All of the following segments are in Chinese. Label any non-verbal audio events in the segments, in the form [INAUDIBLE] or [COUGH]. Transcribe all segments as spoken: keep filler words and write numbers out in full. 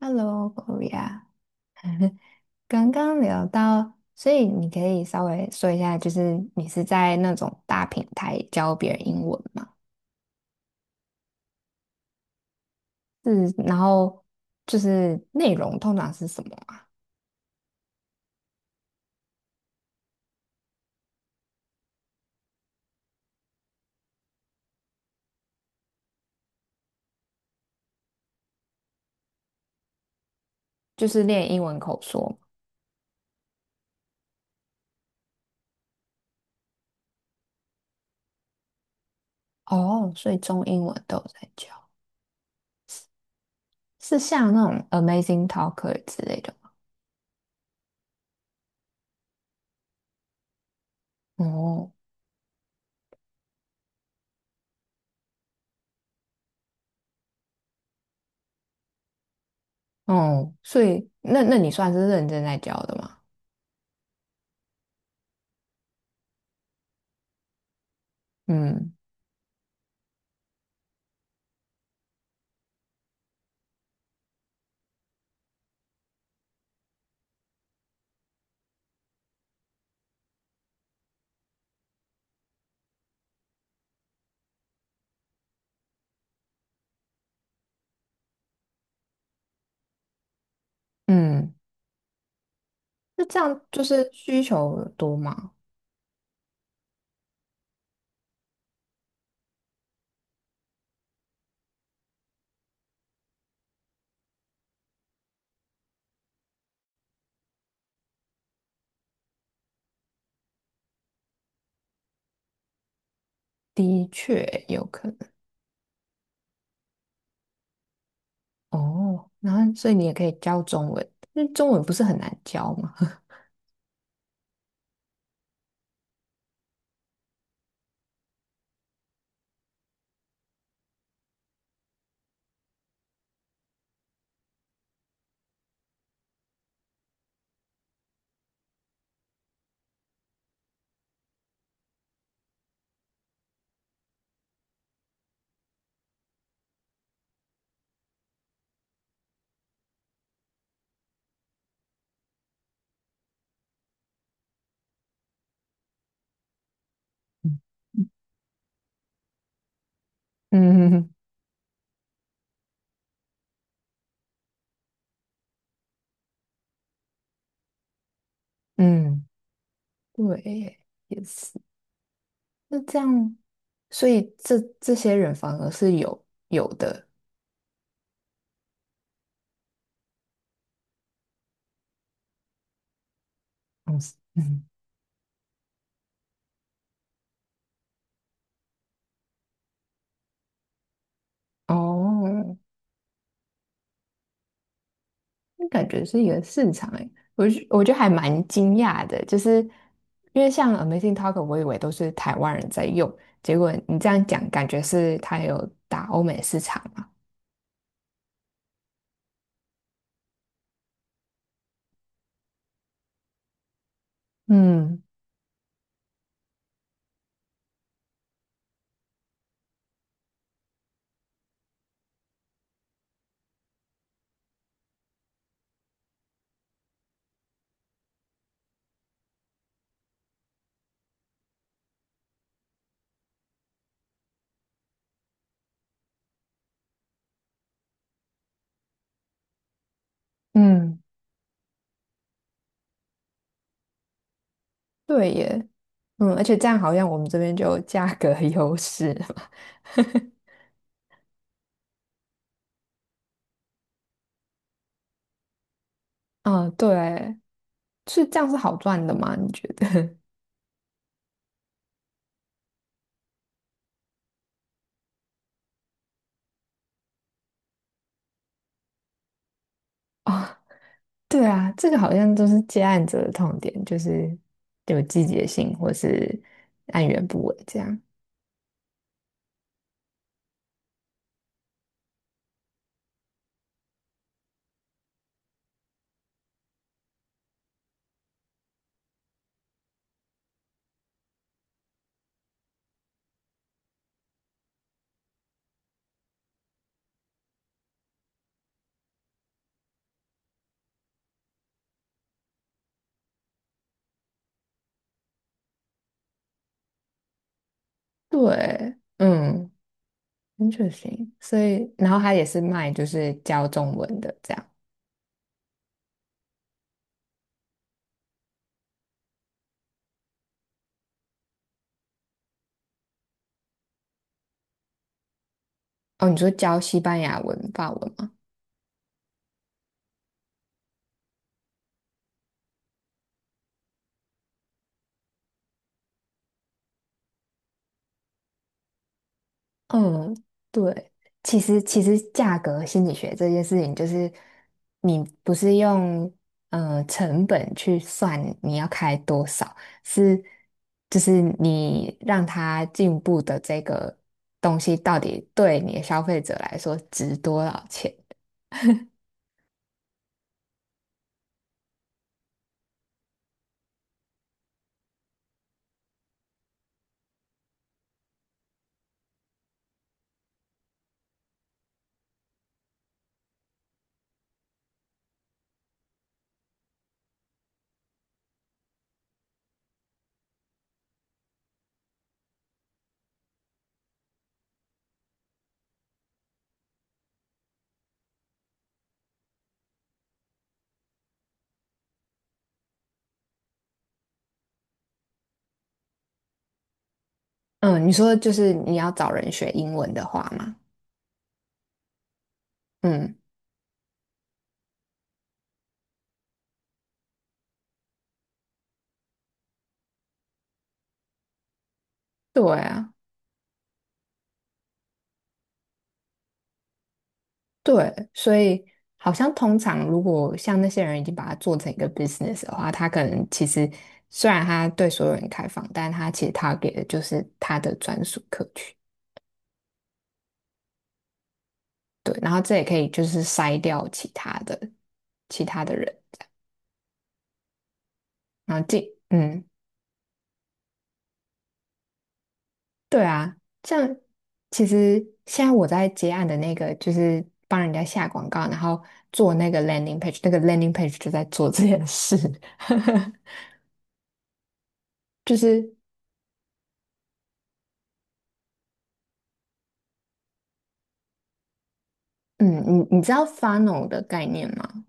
Hello, g o r i a 刚刚聊到，所以你可以稍微说一下，就是你是在那种大平台教别人英文吗？是，然后就是内容通常是什么啊。就是练英文口说吗。哦，所以中英文都有在教，是像那种 Amazing Talker 之类的吗？哦，哦，所以那那你算是认真在教的吗？嗯嗯，那这样就是需求多吗？的确有可能。哦，然后所以你也可以教中文，那中文不是很难教吗？[LAUGHS] 嗯嗯，对耶，也是。那这样，所以这这些人反而是有有的，嗯嗯，哦，那感觉是一个市场诶，我觉我觉得还蛮惊讶的，就是因为像 Amazing t a l k 我以为都是台湾人在用，结果你这样讲，感觉是它有打欧美市场嘛？嗯嗯。对耶，嗯，而且这样好像我们这边就有价格 [LAUGHS] 优势嘛。啊，对，是这样是好赚的吗？你觉得？[LAUGHS] 啊，对啊，这个好像都是接案者的痛点，就是有季节性或是按源不稳这样。对，嗯，interesting。所以，然后他也是卖就是教中文的这样。哦，你说教西班牙文、法文吗？嗯，对，其实其实价格心理学这件事情，就是你不是用呃成本去算你要开多少，是就是你让它进步的这个东西到底对你的消费者来说值多少钱？嗯，你说就是你要找人学英文的话嘛，嗯，对啊。对，所以好像通常如果像那些人已经把它做成一个 business 的话，他可能其实虽然他对所有人开放，但他其实他给的就是他的专属客群。对，然后这也可以就是筛掉其他的其他的人，然后进嗯，对啊，像其实现在我在接案的那个就是帮人家下广告，然后做那个 landing page，那个 landing page 就在做这件事。[LAUGHS] 就是嗯，你你知道 funnel 的概念吗？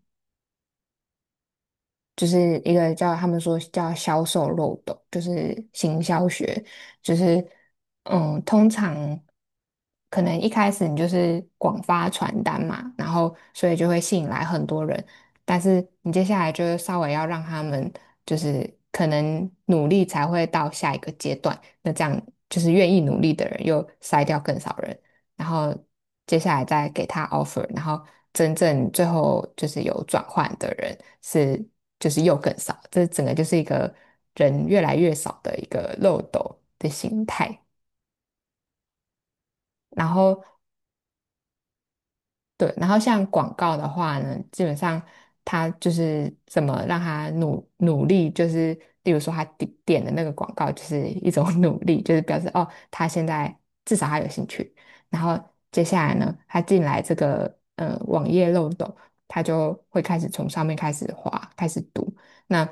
就是一个叫他们说叫销售漏斗，就是行销学，就是嗯，通常可能一开始你就是广发传单嘛，然后所以就会吸引来很多人，但是你接下来就是稍微要让他们就是可能努力才会到下一个阶段，那这样就是愿意努力的人又筛掉更少人，然后接下来再给他 offer，然后真正最后就是有转换的人是就是又更少，这整个就是一个人越来越少的一个漏斗的形态。然后对，然后像广告的话呢，基本上他就是怎么让他努努力，就是例如说他点点的那个广告就是一种 [LAUGHS] 努力，就是表示哦，他现在至少他有兴趣。然后接下来呢，他进来这个呃网页漏洞，他就会开始从上面开始滑，开始读，那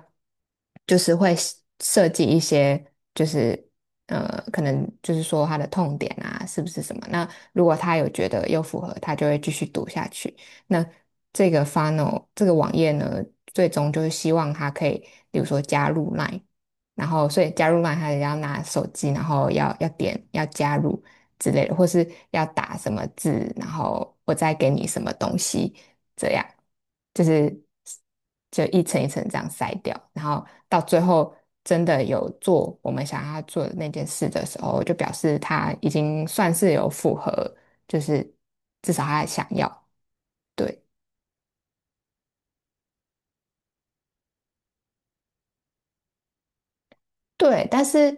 就是会设计一些。就是。呃，可能就是说他的痛点啊，是不是什么？那如果他有觉得又符合，他就会继续读下去。那这个 funnel 这个网页呢，最终就是希望他可以，比如说加入 Line，然后所以加入 Line，他也要拿手机，然后要要点要加入之类的，或是要打什么字，然后我再给你什么东西，这样，就是就一层一层这样筛掉，然后到最后真的有做我们想要他做的那件事的时候，就表示他已经算是有符合，就是至少他想要，对对，但是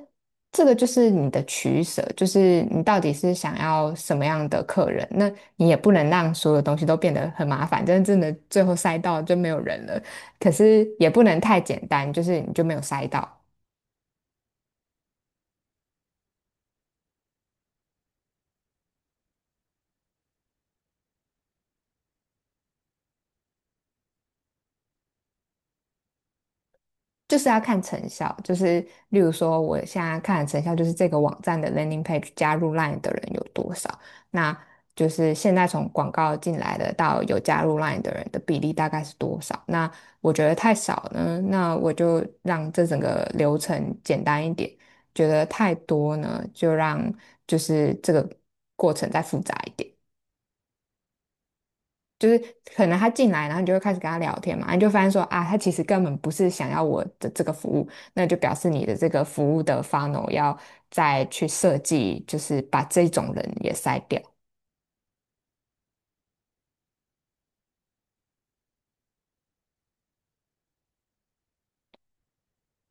这个就是你的取舍，就是你到底是想要什么样的客人，那你也不能让所有东西都变得很麻烦，真的真的最后筛到就没有人了，可是也不能太简单，就是你就没有筛到。就是要看成效，就是例如说，我现在看的成效就是这个网站的 landing page 加入 L I N E 的人有多少，那就是现在从广告进来的到有加入 L I N E 的人的比例大概是多少？那我觉得太少呢，那我就让这整个流程简单一点；觉得太多呢，就让就是这个过程再复杂一点。就是可能他进来，然后你就会开始跟他聊天嘛，你就发现说啊，他其实根本不是想要我的这个服务，那就表示你的这个服务的 funnel 要再去设计，就是把这种人也筛掉。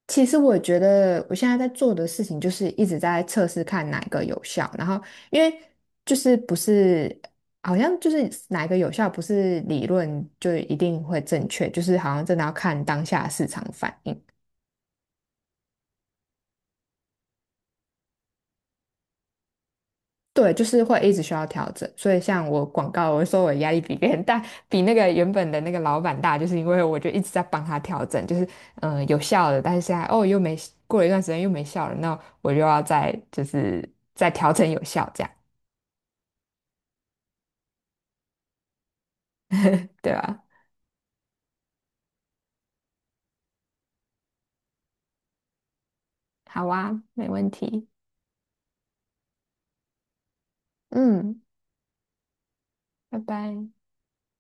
其实我觉得我现在在做的事情就是一直在测试看哪个有效，然后因为就是不是好像就是哪个有效，不是理论就一定会正确，就是好像真的要看当下市场反应。对，就是会一直需要调整，所以像我广告，我说我压力比别人大，比那个原本的那个老板大，就是因为我就一直在帮他调整，就是嗯、呃有效的，但是现在哦又没过了一段时间又没效了，那我就要再就是再调整有效这样，对吧？好啊，没问题，嗯，拜拜。